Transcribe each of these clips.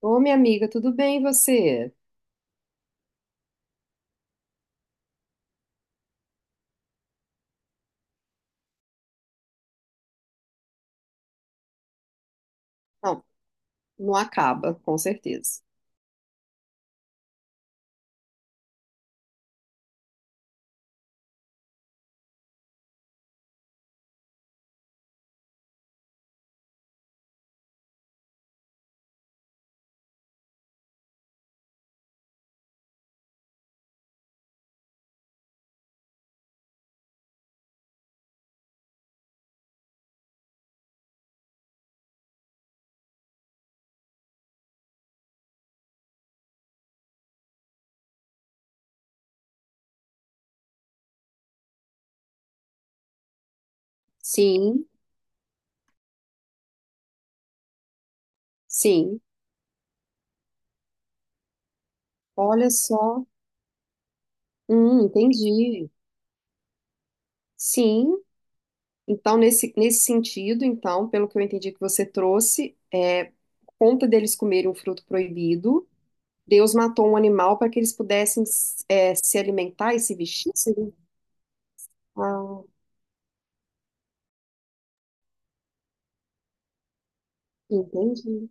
Ô, minha amiga, tudo bem e você? Não, não acaba, com certeza. Sim, sim. Olha só. Entendi. Sim. Então, nesse sentido, então, pelo que eu entendi que você trouxe, por conta deles comerem um fruto proibido, Deus matou um animal para que eles pudessem, se alimentar e se vestir? Ah, entendi.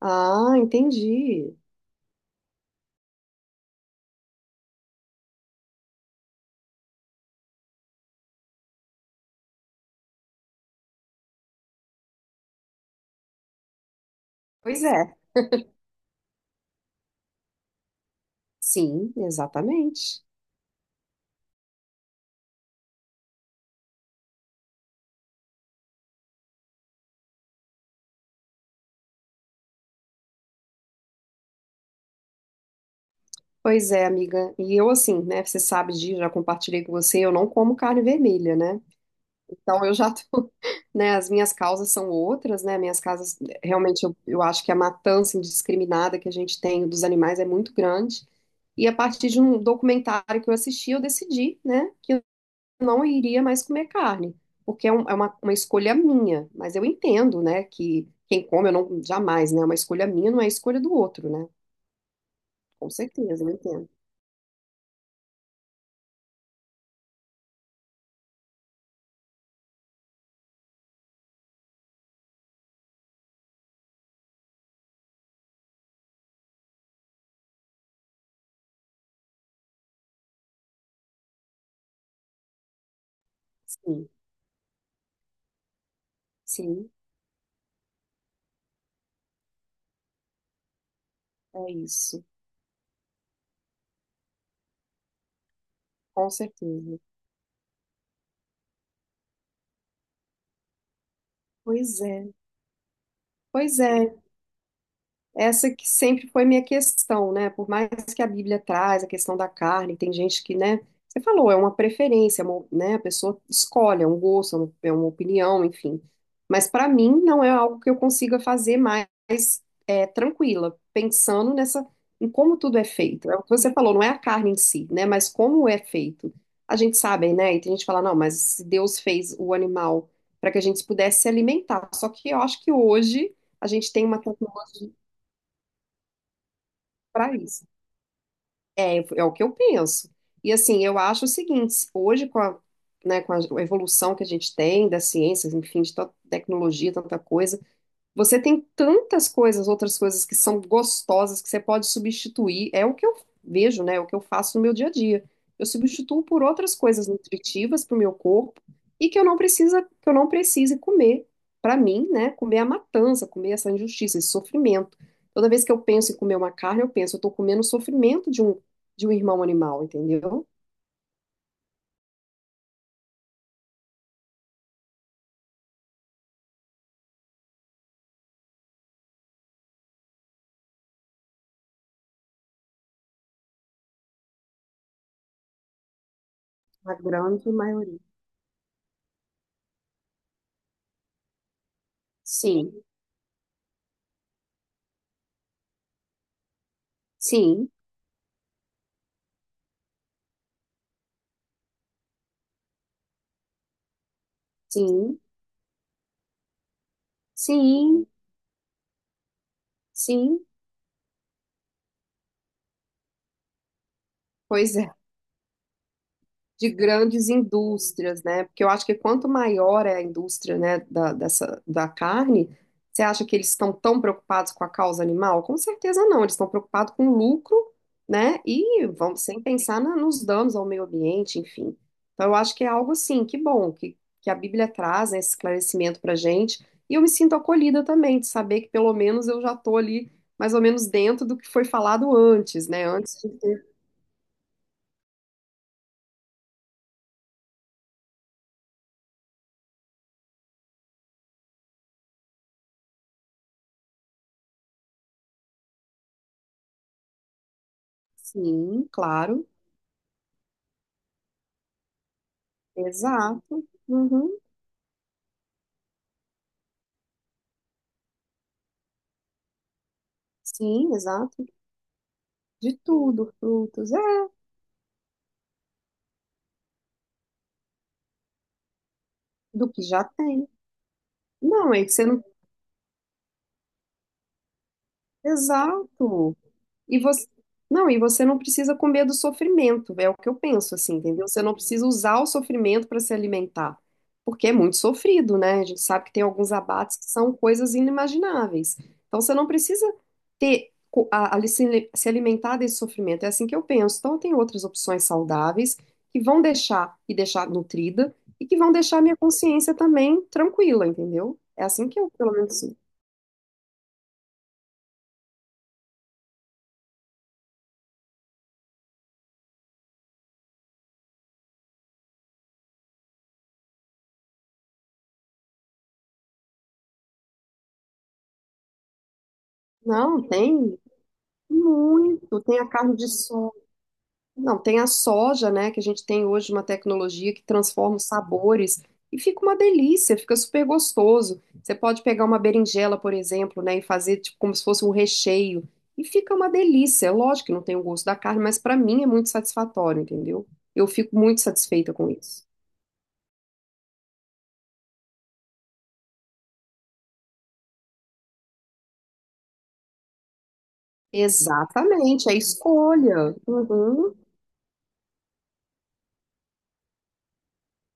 Ah, entendi. Pois é. Sim, exatamente. Pois é, amiga. E eu, assim, né? Você sabe disso, já compartilhei com você, eu não como carne vermelha, né? Então eu já tô, né? As minhas causas são outras, né? Minhas causas, realmente, eu acho que a matança indiscriminada que a gente tem dos animais é muito grande. E a partir de um documentário que eu assisti, eu decidi, né? Que eu não iria mais comer carne, porque é uma escolha minha. Mas eu entendo, né? Que quem come, eu não, jamais, né? É uma escolha minha, não é escolha do outro, né? Com certeza, eu entendo. Sim, sim. É isso, com certeza. Pois é, pois é. Essa que sempre foi minha questão, né? Por mais que a Bíblia traz a questão da carne, tem gente que, né? Você falou, é uma preferência, né? A pessoa escolhe, é um gosto, é uma opinião, enfim. Mas para mim não é algo que eu consiga fazer mais tranquila, pensando nessa, em como tudo é feito. É o que você falou, não é a carne em si, né? Mas como é feito. A gente sabe, né? E tem gente que fala, não, mas se Deus fez o animal para que a gente pudesse se alimentar. Só que eu acho que hoje a gente tem uma tecnologia para isso. É o que eu penso. E assim, eu acho o seguinte, hoje com né, com a evolução que a gente tem da ciência, enfim, de tanta tecnologia, tanta coisa, você tem tantas coisas, outras coisas que são gostosas que você pode substituir. É o que eu vejo, né? É o que eu faço no meu dia a dia. Eu substituo por outras coisas nutritivas para o meu corpo e que eu não precisa, que eu não precise comer. Para mim, né? Comer a matança, comer essa injustiça, esse sofrimento. Toda vez que eu penso em comer uma carne, eu penso, eu estou comendo o sofrimento de um irmão animal, entendeu? A grande maioria. Sim, sim, sim, sim, sim. Pois é. De grandes indústrias, né? Porque eu acho que quanto maior é a indústria, né, dessa, da carne, você acha que eles estão tão preocupados com a causa animal? Com certeza não, eles estão preocupados com o lucro, né? E vão sem pensar nos danos ao meio ambiente, enfim. Então eu acho que é algo assim, que bom que a Bíblia traz, né, esse esclarecimento pra gente. E eu me sinto acolhida também de saber que pelo menos eu já tô ali mais ou menos dentro do que foi falado antes, né? Antes de ter... Sim, claro. Exato. Uhum. Sim, exato. De tudo, frutos, é, do que já tem. Não, é que você não. Exato. E você, não, e você não precisa comer do sofrimento, é o que eu penso, assim, entendeu? Você não precisa usar o sofrimento para se alimentar, porque é muito sofrido, né? A gente sabe que tem alguns abates que são coisas inimagináveis. Então você não precisa ter se alimentar desse sofrimento. É assim que eu penso. Então tem outras opções saudáveis que vão deixar e deixar nutrida e que vão deixar minha consciência também tranquila, entendeu? É assim que eu, pelo menos, não, tem muito, tem a carne de sol. Não, tem a soja, né, que a gente tem hoje uma tecnologia que transforma os sabores e fica uma delícia, fica super gostoso. Você pode pegar uma berinjela, por exemplo, né, e fazer tipo como se fosse um recheio e fica uma delícia. É lógico que não tem o gosto da carne, mas para mim é muito satisfatório, entendeu? Eu fico muito satisfeita com isso. Exatamente, é escolha. Uhum,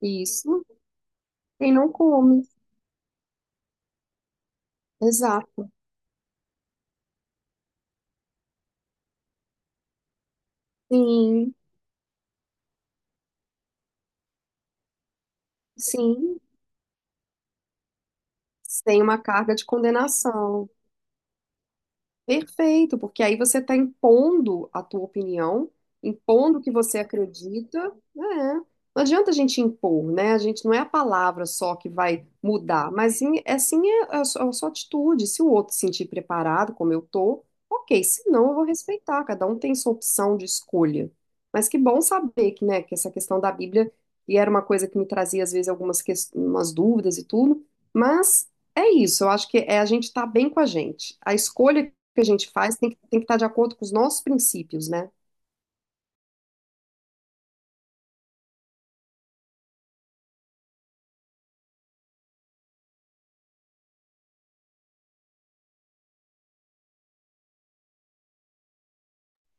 isso. Quem não come. Exato. Sim, sim. Sem uma carga de condenação. Perfeito, porque aí você está impondo a tua opinião, impondo o que você acredita, né? Não adianta a gente impor, né? A gente não é a palavra só que vai mudar, mas sim, é sim a sua atitude. Se o outro se sentir preparado, como eu tô, ok. Se não, eu vou respeitar. Cada um tem sua opção de escolha. Mas que bom saber que, né, que essa questão da Bíblia, e era uma coisa que me trazia às vezes algumas umas dúvidas e tudo, mas é isso, eu acho que é a gente estar bem com a gente. A escolha que a gente faz tem tem que estar de acordo com os nossos princípios, né?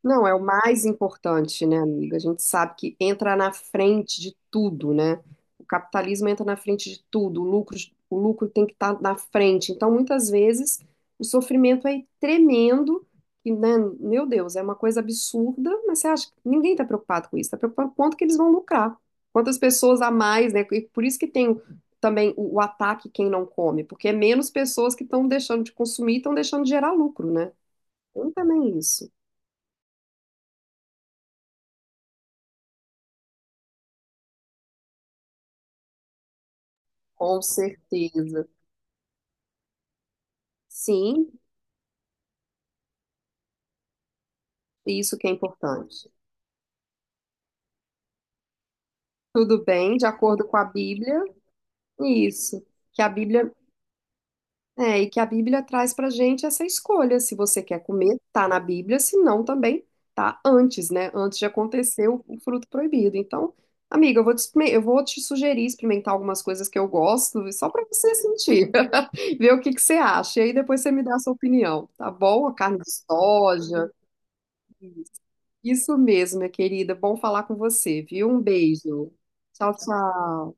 Não, é o mais importante, né, amiga? A gente sabe que entra na frente de tudo, né? O capitalismo entra na frente de tudo, o lucro tem que estar na frente. Então, muitas vezes, o sofrimento é tremendo, e, né, meu Deus, é uma coisa absurda, mas você acha que ninguém está preocupado com isso, está preocupado com quanto que eles vão lucrar, quantas pessoas a mais, né? E por isso que tem também o ataque quem não come, porque é menos pessoas que estão deixando de consumir e estão deixando de gerar lucro, né? Tem também isso. Com certeza. Sim, isso que é importante. Tudo bem, de acordo com a Bíblia, isso. Que a Bíblia, é, e que a Bíblia traz pra gente essa escolha. Se você quer comer, tá na Bíblia, se não, também tá antes, né? Antes de acontecer o fruto proibido. Então, amiga, eu vou te, eu vou te sugerir experimentar algumas coisas que eu gosto, só pra você sentir, ver o que que você acha. E aí depois você me dá a sua opinião, tá bom? A carne de soja. Isso mesmo, minha querida. Bom falar com você, viu? Um beijo. Tchau, tchau.